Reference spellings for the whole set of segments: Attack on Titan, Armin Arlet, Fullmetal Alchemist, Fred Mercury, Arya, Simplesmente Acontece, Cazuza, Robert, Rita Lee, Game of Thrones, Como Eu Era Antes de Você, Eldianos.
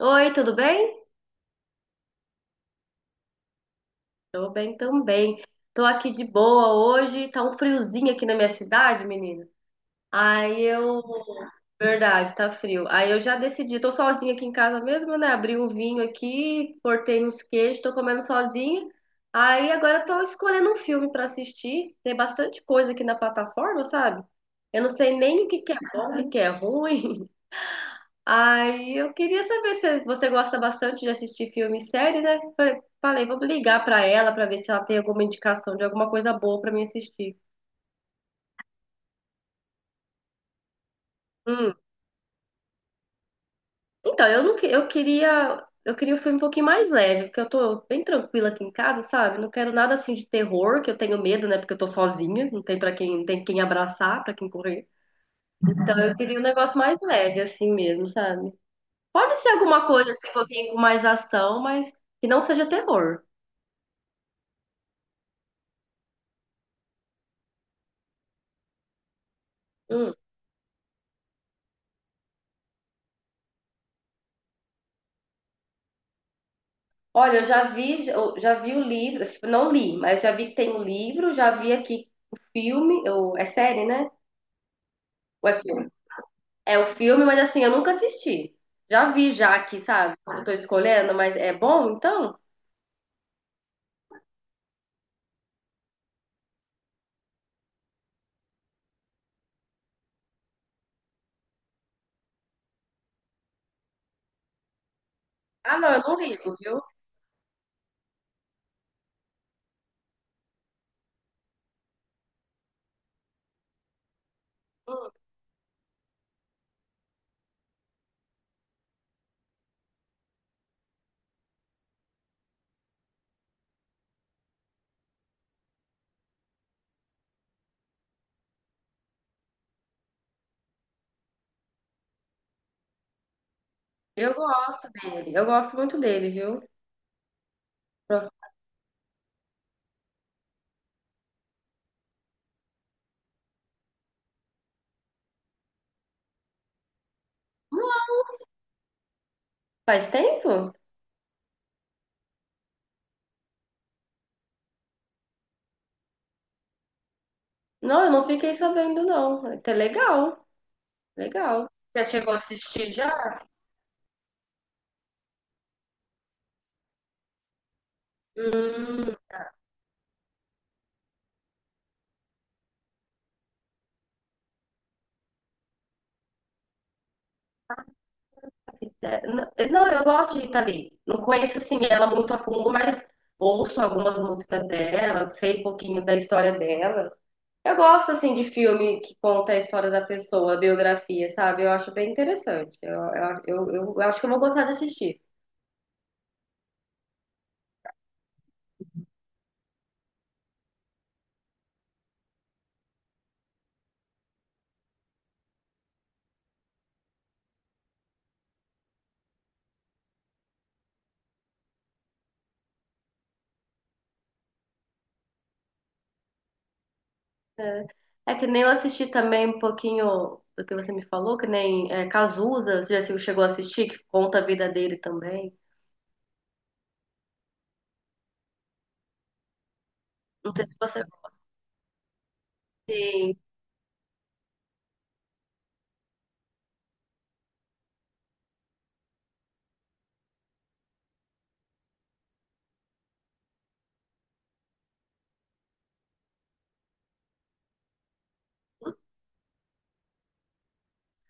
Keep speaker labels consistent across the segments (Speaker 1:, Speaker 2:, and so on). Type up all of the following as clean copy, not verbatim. Speaker 1: Oi, tudo bem? Tô bem também. Tô aqui de boa hoje. Tá um friozinho aqui na minha cidade, menina. Aí eu. Verdade, tá frio. Aí eu já decidi. Tô sozinha aqui em casa mesmo, né? Abri um vinho aqui, cortei uns queijos, tô comendo sozinha. Aí agora tô escolhendo um filme pra assistir. Tem bastante coisa aqui na plataforma, sabe? Eu não sei nem o que que é bom, o que que é ruim. Aí eu queria saber se você gosta bastante de assistir filme e série, né? Falei, falei, vou ligar pra ela pra ver se ela tem alguma indicação de alguma coisa boa pra mim assistir. Hum. Então, eu não, que- eu queria um filme um pouquinho mais leve, porque eu tô bem tranquila aqui em casa, sabe? Não quero nada assim de terror, que eu tenho medo, né? Porque eu tô sozinha, não tem para quem, não tem quem abraçar, pra quem correr. Então, eu queria um negócio mais leve assim mesmo, sabe? Pode ser alguma coisa assim, um pouquinho com mais ação, mas que não seja terror. Hum. Olha, eu já vi o livro, tipo, não li, mas já vi que tem o livro, já vi aqui o filme, ou é série, né? Ou é filme? É o filme, mas assim, eu nunca assisti. Já vi já aqui, sabe? Quando eu tô escolhendo, mas é bom então? Ah, não, eu não ligo, viu? Hum. Eu gosto muito dele, viu? Pronto. Faz tempo? Não, eu não fiquei sabendo, não. É até legal, legal. Você chegou a assistir já? É. Não, eu gosto de Rita Lee. Não conheço assim ela muito a fundo, mas ouço algumas músicas dela, sei um pouquinho da história dela. Eu gosto assim de filme que conta a história da pessoa, a biografia, sabe? Eu acho bem interessante. Eu acho que eu vou gostar de assistir. É. É que nem eu assisti também um pouquinho do que você me falou, que nem é, Cazuza, você já chegou a assistir, que conta a vida dele também. Não sei se você Sim.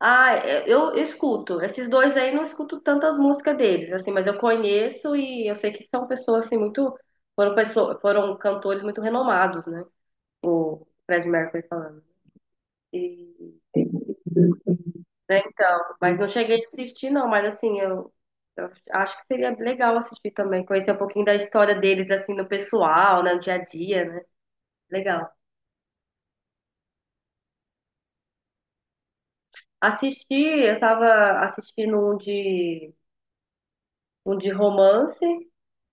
Speaker 1: Ah, é, eu escuto. Esses dois aí não escuto tantas músicas deles, assim, mas eu conheço e eu sei que são pessoas assim muito foram cantores muito renomados, né? O Fred Mercury falando. E, né, então, mas não cheguei a assistir não, mas assim, eu acho que seria legal assistir também, conhecer um pouquinho da história deles assim no pessoal, né, no dia a dia, né? Legal. Assisti, eu tava assistindo um de romance,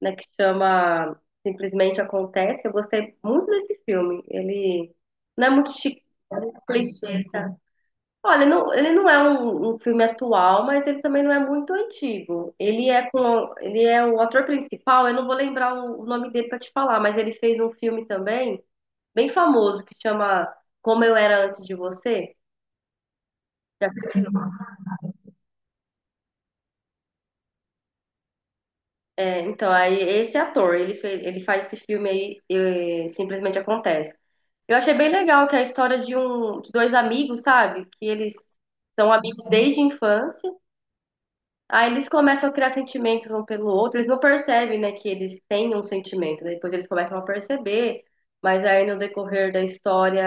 Speaker 1: né, que chama Simplesmente Acontece. Eu gostei muito desse filme. Ele não é muito clichê, sabe? Olha, não, ele não é um filme atual, mas ele também não é muito antigo. Ele é com, ele é o ator principal, eu não vou lembrar o nome dele para te falar, mas ele fez um filme também bem famoso que chama Como Eu Era Antes de Você. Já assistiu? É, então, aí esse ator, ele faz esse filme aí, simplesmente acontece. Eu achei bem legal que é a história de dois amigos, sabe? Que eles são amigos desde a infância. Aí eles começam a criar sentimentos um pelo outro. Eles não percebem, né, que eles têm um sentimento, né? Depois eles começam a perceber, mas aí no decorrer da história,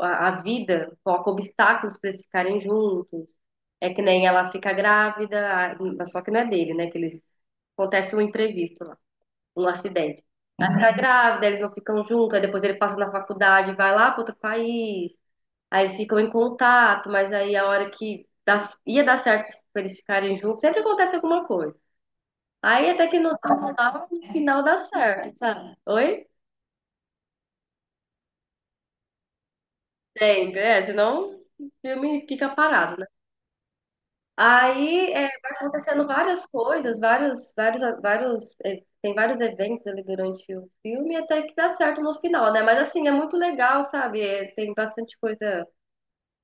Speaker 1: a vida coloca obstáculos para eles ficarem juntos. É que nem ela fica grávida, mas só que não é dele, né? Que eles acontece um imprevisto, um acidente. Ela fica grávida, eles não ficam juntos, aí depois ele passa na faculdade, vai lá para outro país, aí eles ficam em contato, mas aí a hora que dá- ia dar certo pra eles ficarem juntos, sempre acontece alguma coisa. Aí até que no final dá certo, sabe? Oi? Sempre, é, senão o filme fica parado, né? Aí é, vai acontecendo várias coisas, é, tem vários eventos ali durante o filme, até que dá certo no final, né? Mas assim, é muito legal, sabe? É, tem bastante coisa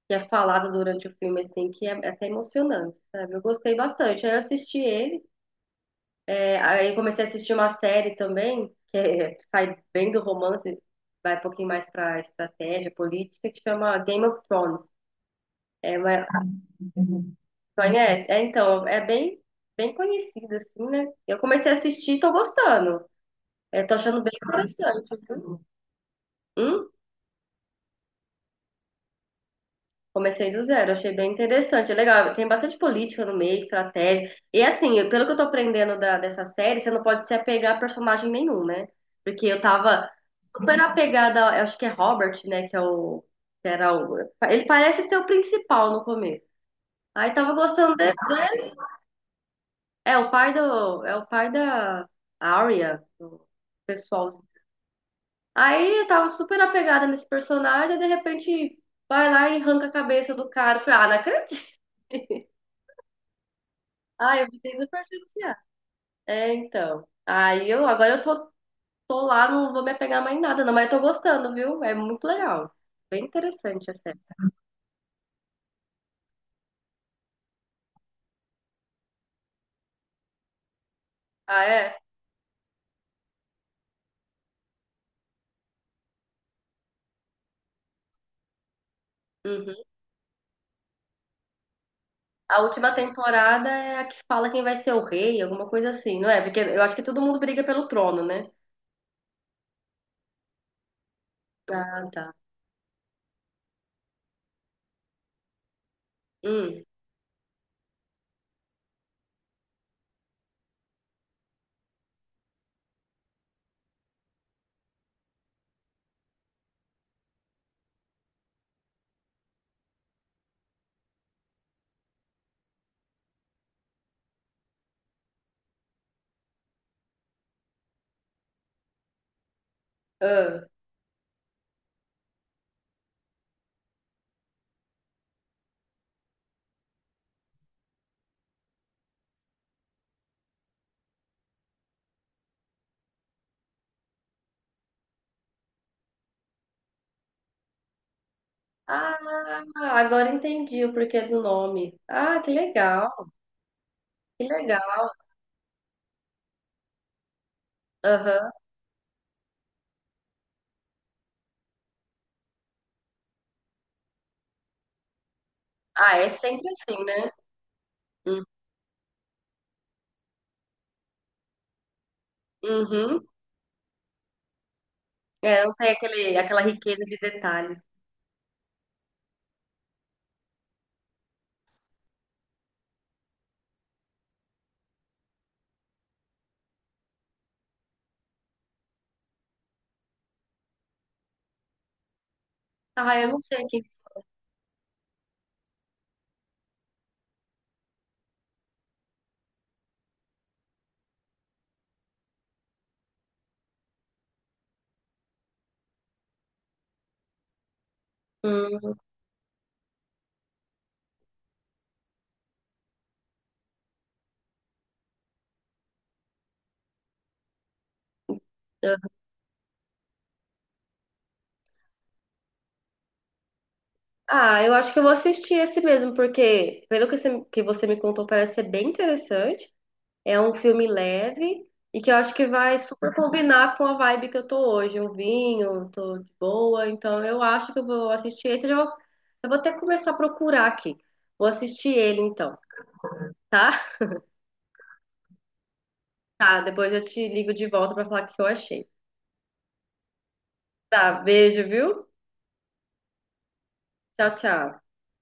Speaker 1: que é falada durante o filme, assim, é até emocionante, sabe? Eu gostei bastante. Aí eu assisti ele, é, aí comecei a assistir uma série também, que é, sai bem do romance, vai um pouquinho mais pra estratégia política, que chama Game of Thrones. É uma. Conhece? É, então, é bem conhecido, assim, né? Eu comecei a assistir e tô gostando. É, tô achando bem interessante, viu? Hum? Comecei do zero, achei bem interessante. É legal, tem bastante política no meio, estratégia. E assim, pelo que eu tô aprendendo dessa série, você não pode se apegar a personagem nenhum, né? Porque eu tava super apegada, eu acho que é Robert, né? Que é o. que era o. Ele parece ser o principal no começo. Aí tava gostando dele. É o pai da Arya, do pessoal. Aí eu tava super apegada nesse personagem, e de repente vai lá e arranca a cabeça do cara. Eu falei, ah, não acredito. Ah, eu fiquei super chateada. É, então. Aí eu agora eu tô, tô lá, não vou me apegar mais em nada, não, mas eu tô gostando, viu? É muito legal. Bem interessante a série. Ah, é? Uhum. A última temporada é a que fala quem vai ser o rei, alguma coisa assim, não é? Porque eu acho que todo mundo briga pelo trono, né? Ah, tá. Hum. Ah. Ah, agora entendi o porquê do nome. Ah, que legal, que legal. Aham. Ah, é sempre assim, né? Hum. Uhum. É, não tem aquele, aquela riqueza de detalhes. Ah, eu não sei aqui. Hum. Ah, eu acho que eu vou assistir esse mesmo, porque pelo que você me contou, parece ser bem interessante. É um filme leve e que eu acho que vai super combinar com a vibe que eu tô hoje. Um vinho, tô de boa, então eu acho que eu vou assistir esse. Eu vou até começar a procurar aqui. Vou assistir ele então, tá? Tá, depois eu te ligo de volta pra falar o que eu achei. Tá, beijo, viu? Tchau, tchau.